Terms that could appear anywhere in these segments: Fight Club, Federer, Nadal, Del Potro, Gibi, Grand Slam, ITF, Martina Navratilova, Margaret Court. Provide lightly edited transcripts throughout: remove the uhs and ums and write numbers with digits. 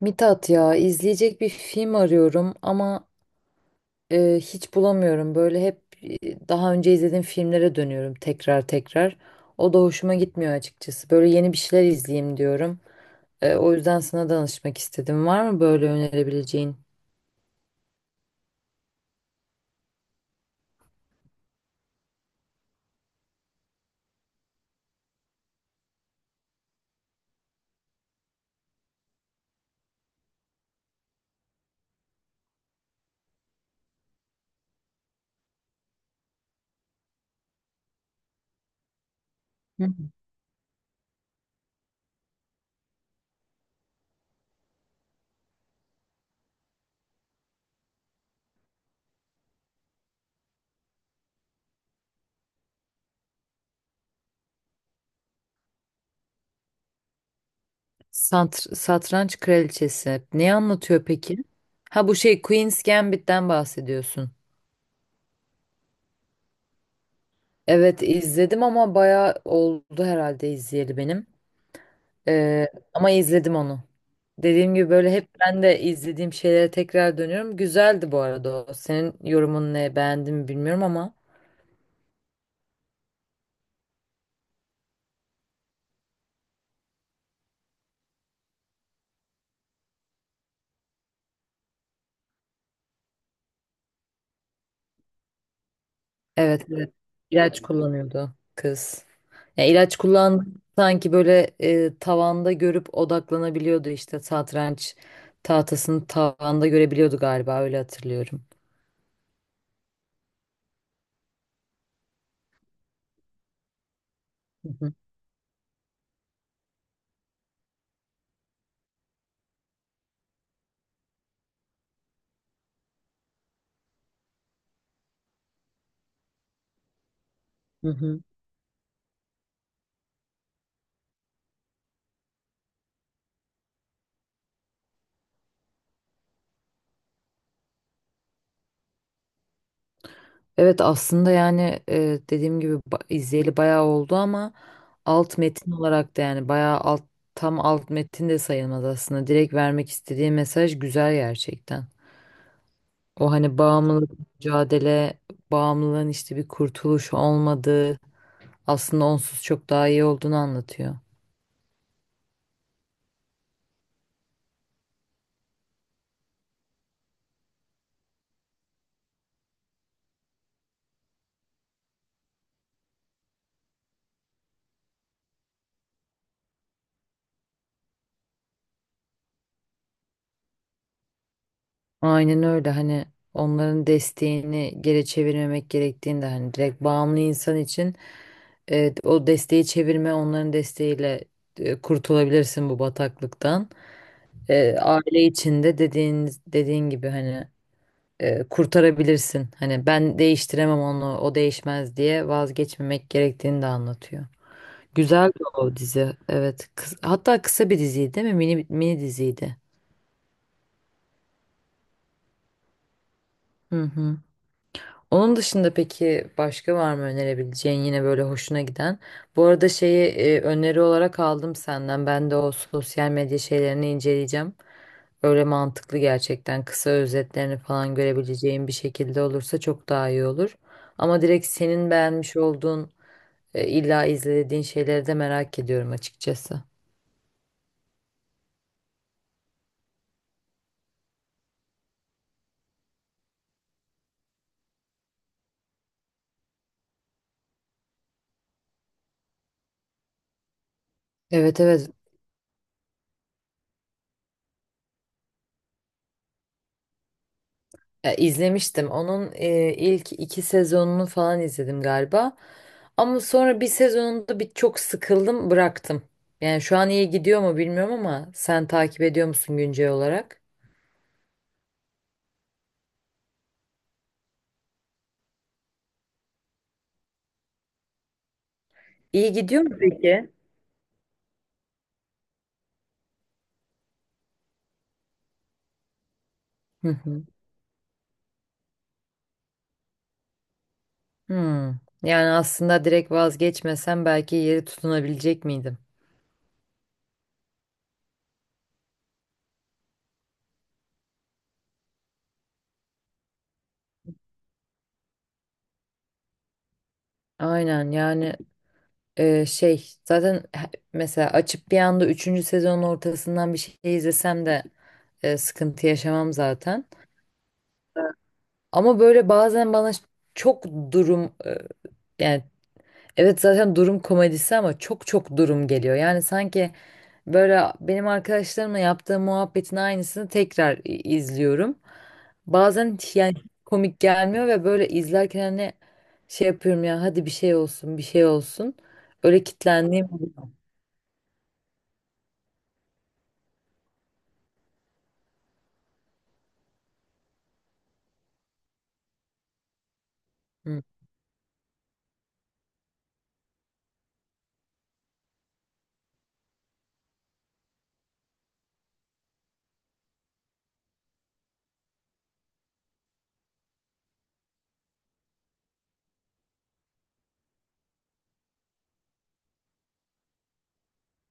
Mithat ya izleyecek bir film arıyorum ama hiç bulamıyorum. Böyle hep daha önce izlediğim filmlere dönüyorum tekrar tekrar. O da hoşuma gitmiyor açıkçası. Böyle yeni bir şeyler izleyeyim diyorum. O yüzden sana danışmak istedim. Var mı böyle önerebileceğin? Hı hı. Satranç Kraliçesi. Ne anlatıyor peki? Ha bu şey Queen's Gambit'ten bahsediyorsun. Evet izledim ama bayağı oldu herhalde izleyeli benim. Ee, ama izledim onu. Dediğim gibi böyle hep ben de izlediğim şeylere tekrar dönüyorum. Güzeldi bu arada o. Senin yorumun ne? Beğendin mi bilmiyorum ama. Evet, evet. İlaç kullanıyordu kız. Ya ilaç kullandı sanki böyle tavanda görüp odaklanabiliyordu işte satranç tahtasını tavanda görebiliyordu galiba öyle hatırlıyorum. Hı hı. Hı hı. Evet aslında yani dediğim gibi izleyeli bayağı oldu ama alt metin olarak da yani bayağı alt tam alt metin de sayılmaz aslında. Direkt vermek istediği mesaj güzel gerçekten. O hani bağımlılık mücadele, bağımlılığın işte bir kurtuluş olmadığı, aslında onsuz çok daha iyi olduğunu anlatıyor. Aynen öyle hani onların desteğini geri çevirmemek gerektiğini de hani direkt bağımlı insan için o desteği çevirme onların desteğiyle kurtulabilirsin bu bataklıktan. Aile içinde dediğin gibi hani kurtarabilirsin. Hani ben değiştiremem onu o değişmez diye vazgeçmemek gerektiğini de anlatıyor. Güzel o dizi. Evet. Hatta kısa bir diziydi değil mi? Mini mini diziydi. Hı hı. Onun dışında peki başka var mı önerebileceğin yine böyle hoşuna giden? Bu arada şeyi öneri olarak aldım senden. Ben de o sosyal medya şeylerini inceleyeceğim. Öyle mantıklı gerçekten. Kısa özetlerini falan görebileceğim bir şekilde olursa çok daha iyi olur. Ama direkt senin beğenmiş olduğun illa izlediğin şeyleri de merak ediyorum açıkçası. Evet, evet. Ya, izlemiştim. Onun ilk iki sezonunu falan izledim galiba. Ama sonra bir sezonunda çok sıkıldım, bıraktım. Yani şu an iyi gidiyor mu bilmiyorum ama sen takip ediyor musun güncel olarak? İyi gidiyor mu peki? Hı hı. Hmm. Yani aslında direkt vazgeçmesem belki yeri tutunabilecek miydim? Aynen yani şey zaten mesela açıp bir anda üçüncü sezonun ortasından bir şey izlesem de sıkıntı yaşamam zaten. Ama böyle bazen bana çok durum yani evet zaten durum komedisi ama çok çok durum geliyor. Yani sanki böyle benim arkadaşlarımla yaptığım muhabbetin aynısını tekrar izliyorum. Bazen hiç yani komik gelmiyor ve böyle izlerken hani şey yapıyorum ya hadi bir şey olsun bir şey olsun. Öyle kitlendiğim oluyor. Hı.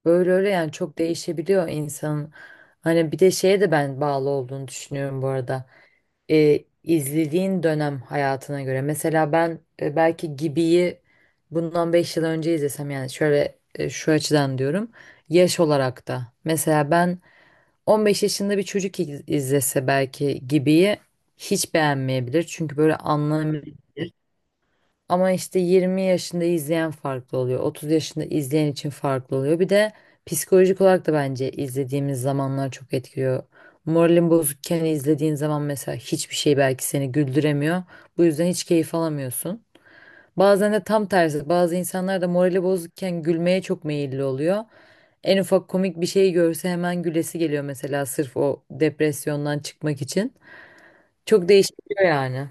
Böyle öyle yani çok değişebiliyor insanın. Hani bir de şeye de ben bağlı olduğunu düşünüyorum bu arada. E, izlediğin dönem hayatına göre. Mesela ben belki Gibi'yi bundan 5 yıl önce izlesem yani şöyle şu açıdan diyorum. Yaş olarak da. Mesela ben 15 yaşında bir çocuk izlese belki Gibi'yi hiç beğenmeyebilir. Çünkü böyle anlam ama işte 20 yaşında izleyen farklı oluyor. 30 yaşında izleyen için farklı oluyor. Bir de psikolojik olarak da bence izlediğimiz zamanlar çok etkiliyor. Moralin bozukken izlediğin zaman mesela hiçbir şey belki seni güldüremiyor. Bu yüzden hiç keyif alamıyorsun. Bazen de tam tersi. Bazı insanlar da morali bozukken gülmeye çok meyilli oluyor. En ufak komik bir şey görse hemen gülesi geliyor mesela sırf o depresyondan çıkmak için. Çok değişiyor yani.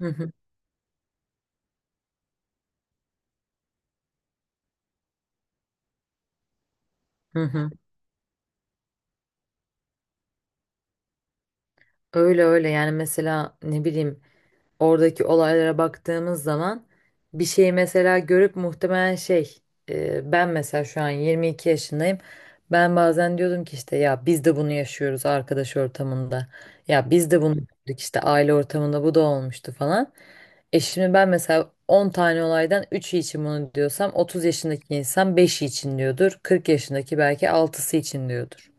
Hı hı hı. Hı. Öyle öyle yani mesela ne bileyim oradaki olaylara baktığımız zaman bir şeyi mesela görüp muhtemelen şey ben mesela şu an 22 yaşındayım. Ben bazen diyordum ki işte ya biz de bunu yaşıyoruz arkadaş ortamında. Ya biz de bunu gördük işte aile ortamında bu da olmuştu falan. E şimdi ben mesela 10 tane olaydan üçü için bunu diyorsam 30 yaşındaki insan beşi için diyordur. 40 yaşındaki belki altısı için diyordur.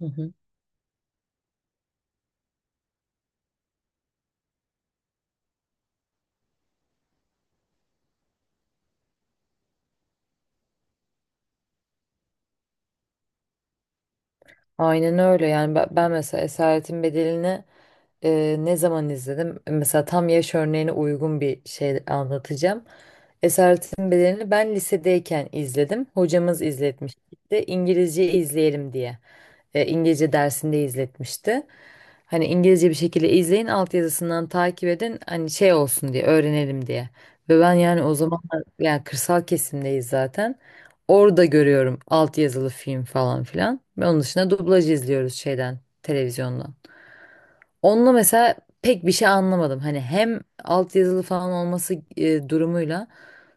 Hı hı. Aynen öyle yani ben mesela Esaretin Bedeli'ni ne zaman izledim? Mesela tam yaş örneğine uygun bir şey anlatacağım. Esaretin Bedeli'ni ben lisedeyken izledim. Hocamız izletmişti. İngilizce izleyelim diye. İngilizce dersinde izletmişti. Hani İngilizce bir şekilde izleyin, altyazısından takip edin. Hani şey olsun diye, öğrenelim diye. Ve ben yani o zaman yani kırsal kesimdeyiz zaten. Orada görüyorum altyazılı film falan filan. Ve onun dışında dublaj izliyoruz şeyden, televizyondan. Onunla mesela pek bir şey anlamadım. Hani hem altyazılı falan olması durumuyla.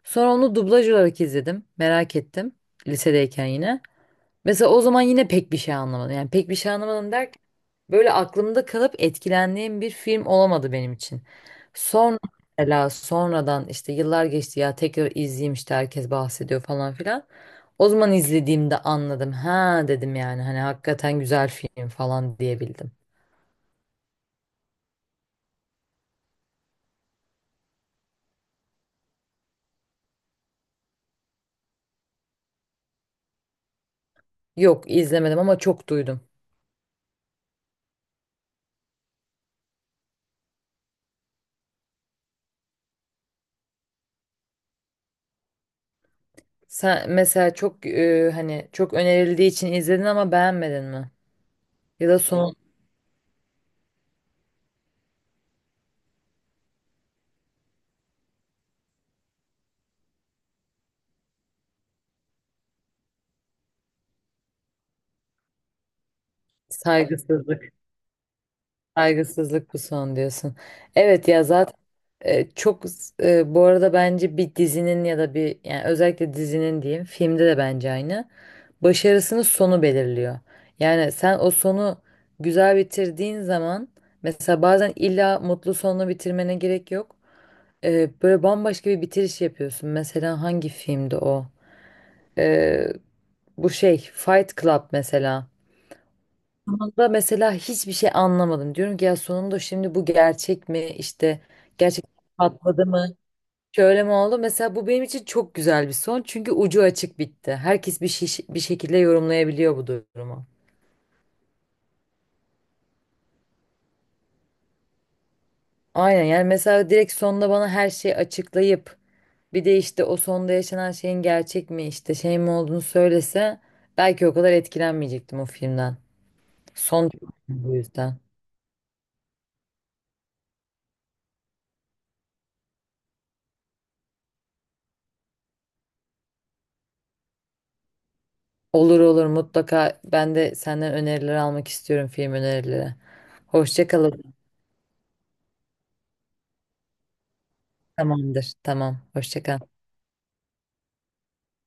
Sonra onu dublaj olarak izledim. Merak ettim. Lisedeyken yine. Mesela o zaman yine pek bir şey anlamadım. Yani pek bir şey anlamadım derken böyle aklımda kalıp etkilendiğim bir film olamadı benim için. Sonra mesela sonradan işte yıllar geçti ya tekrar izleyeyim işte herkes bahsediyor falan filan. O zaman izlediğimde anladım. Ha dedim yani hani hakikaten güzel film falan diyebildim. Yok izlemedim ama çok duydum. Sen mesela çok hani çok önerildiği için izledin ama beğenmedin mi? Ya da son saygısızlık. Saygısızlık bu son diyorsun. Evet ya zaten çok bu arada bence bir dizinin ya da bir yani özellikle dizinin diyeyim filmde de bence aynı. Başarısının sonu belirliyor. Yani sen o sonu güzel bitirdiğin zaman mesela bazen illa mutlu sonla bitirmene gerek yok. Böyle bambaşka bir bitiriş yapıyorsun. Mesela hangi filmdi o? E, bu şey Fight Club mesela da mesela hiçbir şey anlamadım. Diyorum ki ya sonunda şimdi bu gerçek mi? İşte gerçek patladı mı? Şöyle mi oldu? Mesela bu benim için çok güzel bir son. Çünkü ucu açık bitti. Herkes bir şekilde yorumlayabiliyor bu durumu. Aynen yani mesela direkt sonda bana her şeyi açıklayıp bir de işte o sonda yaşanan şeyin gerçek mi işte şey mi olduğunu söylese belki o kadar etkilenmeyecektim o filmden. Son çok bu yüzden. Olur, olur, mutlaka ben de senden öneriler almak istiyorum film önerileri. Hoşça kalın. Tamamdır. Tamam. Hoşça kal.